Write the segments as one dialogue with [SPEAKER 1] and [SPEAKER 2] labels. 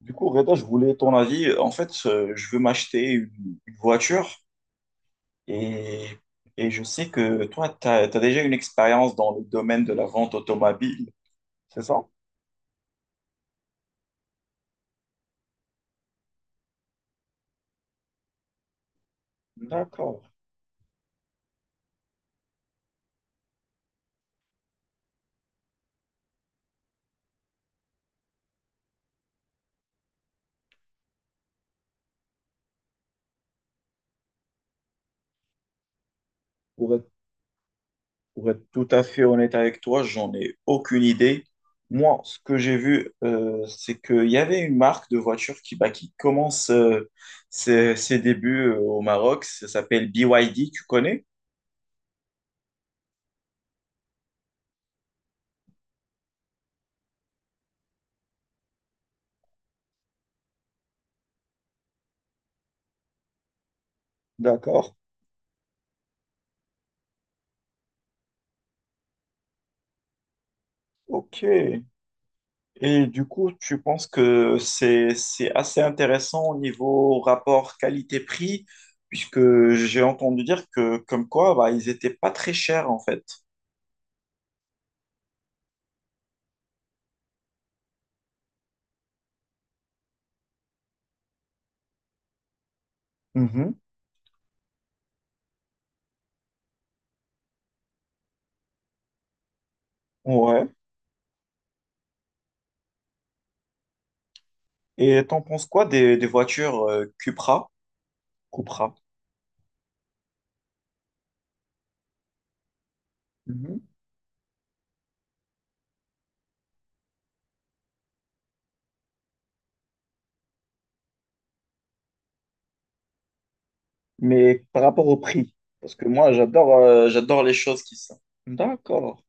[SPEAKER 1] Du coup, Reda, je voulais ton avis. En fait, je veux m'acheter une voiture et, et je sais que toi, tu as, déjà une expérience dans le domaine de la vente automobile, c'est ça? D'accord. Pour être, pour être tout à fait honnête avec toi, j'en ai aucune idée. Moi, ce que j'ai vu, c'est qu'il y avait une marque de voiture qui, bah, qui commence ses débuts au Maroc. Ça s'appelle BYD, tu connais? D'accord. Ok. Et du coup, tu penses que c'est assez intéressant au niveau rapport qualité-prix, puisque j'ai entendu dire que comme quoi, bah, ils étaient pas très chers en fait. Mhm. Ouais. Et t'en penses quoi des voitures Cupra, Cupra, mhm. Mais par rapport au prix? Parce que moi, j'adore les choses qui sont. D'accord.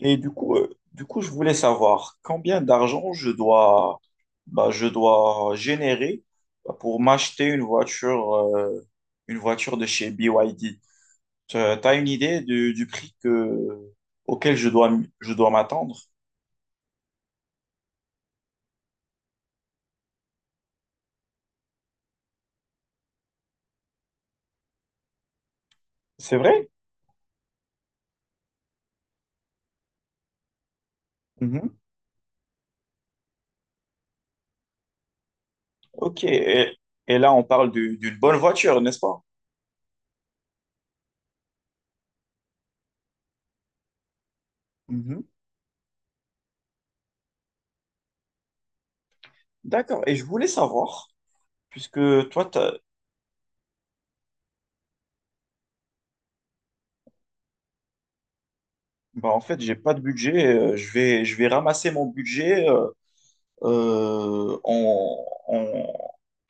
[SPEAKER 1] Et du coup, je voulais savoir combien d'argent je dois, bah, je dois générer bah, pour m'acheter une voiture de chez BYD. Tu as une idée du prix que, auquel je dois m'attendre? C'est vrai? Mhm. Ok. Et là, on parle d'une bonne voiture, n'est-ce pas? Mhm. D'accord. Et je voulais savoir, puisque toi, t'as... Bah, en fait, j'ai pas de budget. Je vais ramasser mon budget. Euh, en, en,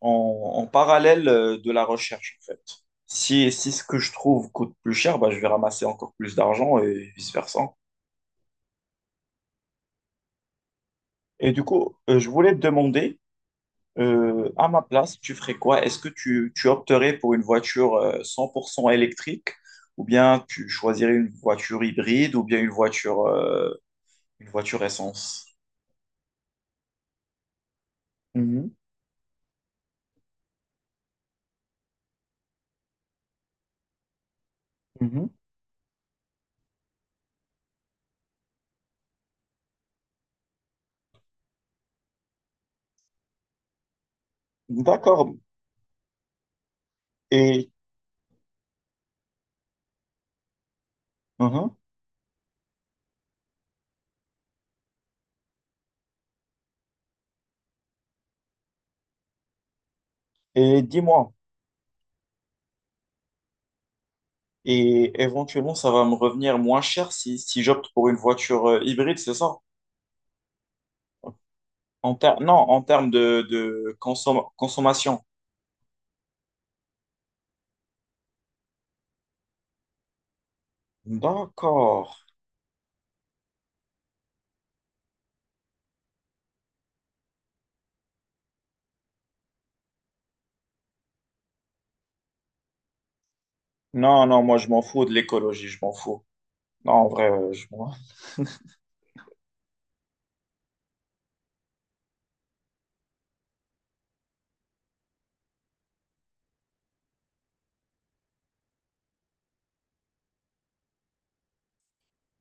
[SPEAKER 1] en parallèle de la recherche, en fait. Si, si ce que je trouve coûte plus cher, bah, je vais ramasser encore plus d'argent et vice-versa. Et du coup, je voulais te demander, à ma place, tu ferais quoi? Est-ce que tu opterais pour une voiture 100% électrique ou bien tu choisirais une voiture hybride ou bien une voiture essence? Mhm. Mhm. D'accord. Et, mhm. Et dis-moi, et éventuellement, ça va me revenir moins cher si, si j'opte pour une voiture hybride, c'est ça? Non, en termes de consommation. D'accord. Non, non, moi je m'en fous de l'écologie, je m'en fous. Non, en vrai, je m'en-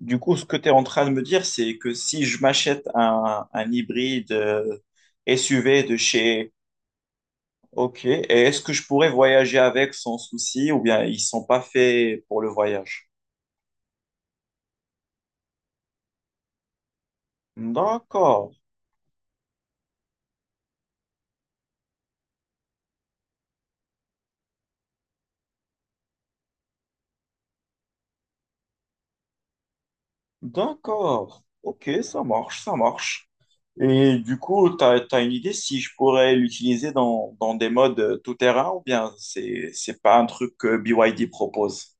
[SPEAKER 1] Du coup, ce que tu es en train de me dire, c'est que si je m'achète un hybride SUV de chez... Ok, et est-ce que je pourrais voyager avec sans souci ou bien ils sont pas faits pour le voyage? D'accord. D'accord. Ok, ça marche, ça marche. Et du coup, tu as, une idée si je pourrais l'utiliser dans, dans des modes tout-terrain ou bien c'est pas un truc que BYD propose?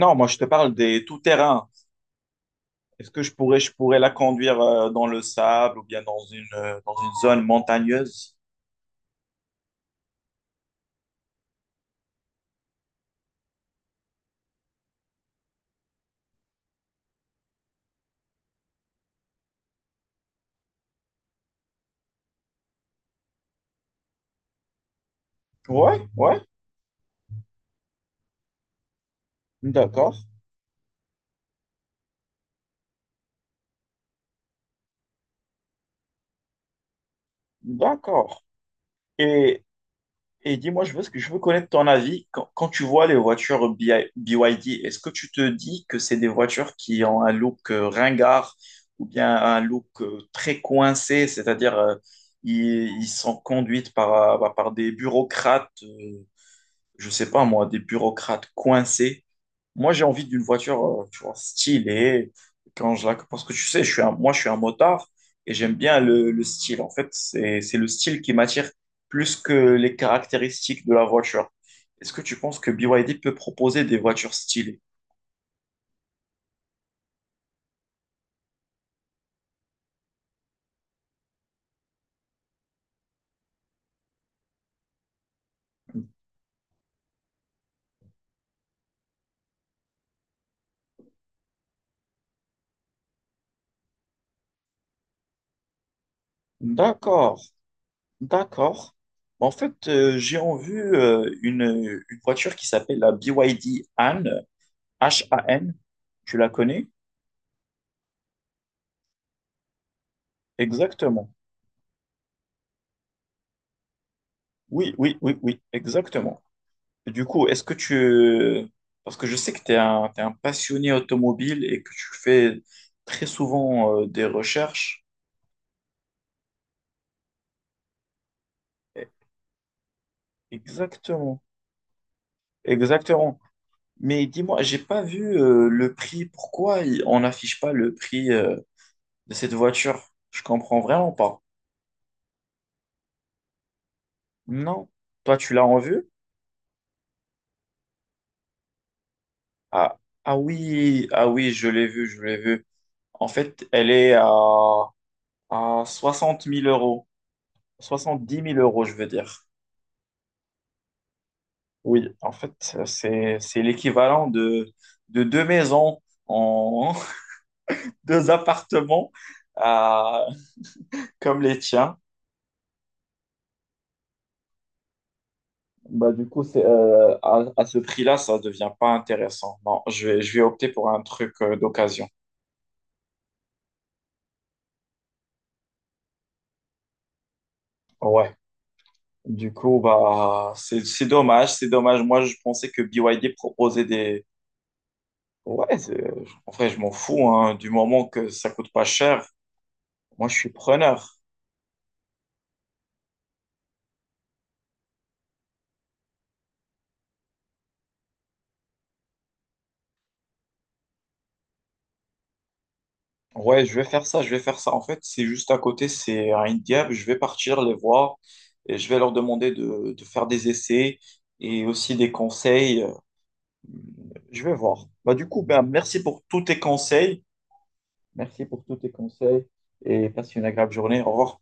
[SPEAKER 1] Non, moi je te parle des tout-terrains. Est-ce que je pourrais la conduire dans le sable ou bien dans une zone montagneuse? Ouais, ouais, d'accord, d'accord. Et Et dis-moi, je veux, ce que je veux connaître ton avis. Quand, quand tu vois les voitures BYD, est-ce que tu te dis que c'est des voitures qui ont un look ringard ou bien un look très coincé, c'est-à-dire ils, ils sont conduites par, bah, par des bureaucrates, je sais pas moi, des bureaucrates coincés. Moi, j'ai envie d'une voiture, tu vois, stylée. Quand je la... Parce que tu sais, je suis un... moi, je suis un motard et j'aime bien le style. En fait, c'est le style qui m'attire plus que les caractéristiques de la voiture. Est-ce que tu penses que BYD peut proposer des voitures stylées? D'accord, d'accord. En fait, j'ai en vue une voiture qui s'appelle la BYD Han, HAN. H A N. Tu la connais? Exactement. Oui, oui, oui, oui, exactement. Du coup, est-ce que tu... Parce que je sais que tu es un, t'es un passionné automobile et que tu fais très souvent des recherches. Eh, exactement, exactement. Mais dis-moi, j'ai pas vu le prix. On n'affiche pas le prix de cette voiture? Je comprends vraiment pas. Non. Toi, tu l'as en vue? Ah, ah oui, ah oui, je l'ai vue, je l'ai vue. En fait, elle est à 60 000 euros. 70 000 euros, je veux dire. Oui, en fait, c'est l'équivalent de deux maisons en deux appartements à- comme les tiens. Bah, du coup, c'est, à ce prix-là, ça devient pas intéressant. Non, je vais opter pour un truc d'occasion. Ouais. Du coup, bah, c'est dommage, c'est dommage. Moi, je pensais que BYD proposait des... Ouais, c'est- en vrai, je m'en fous, hein, du moment que ça coûte pas cher. Moi, je suis preneur. Ouais, je vais faire ça, je vais faire ça. En fait, c'est juste à côté, c'est à Indiab. Je vais partir les voir et je vais leur demander de faire des essais et aussi des conseils. Je vais voir. Bah, du coup, ben, merci pour tous tes conseils. Merci pour tous tes conseils et passe une agréable journée. Au revoir.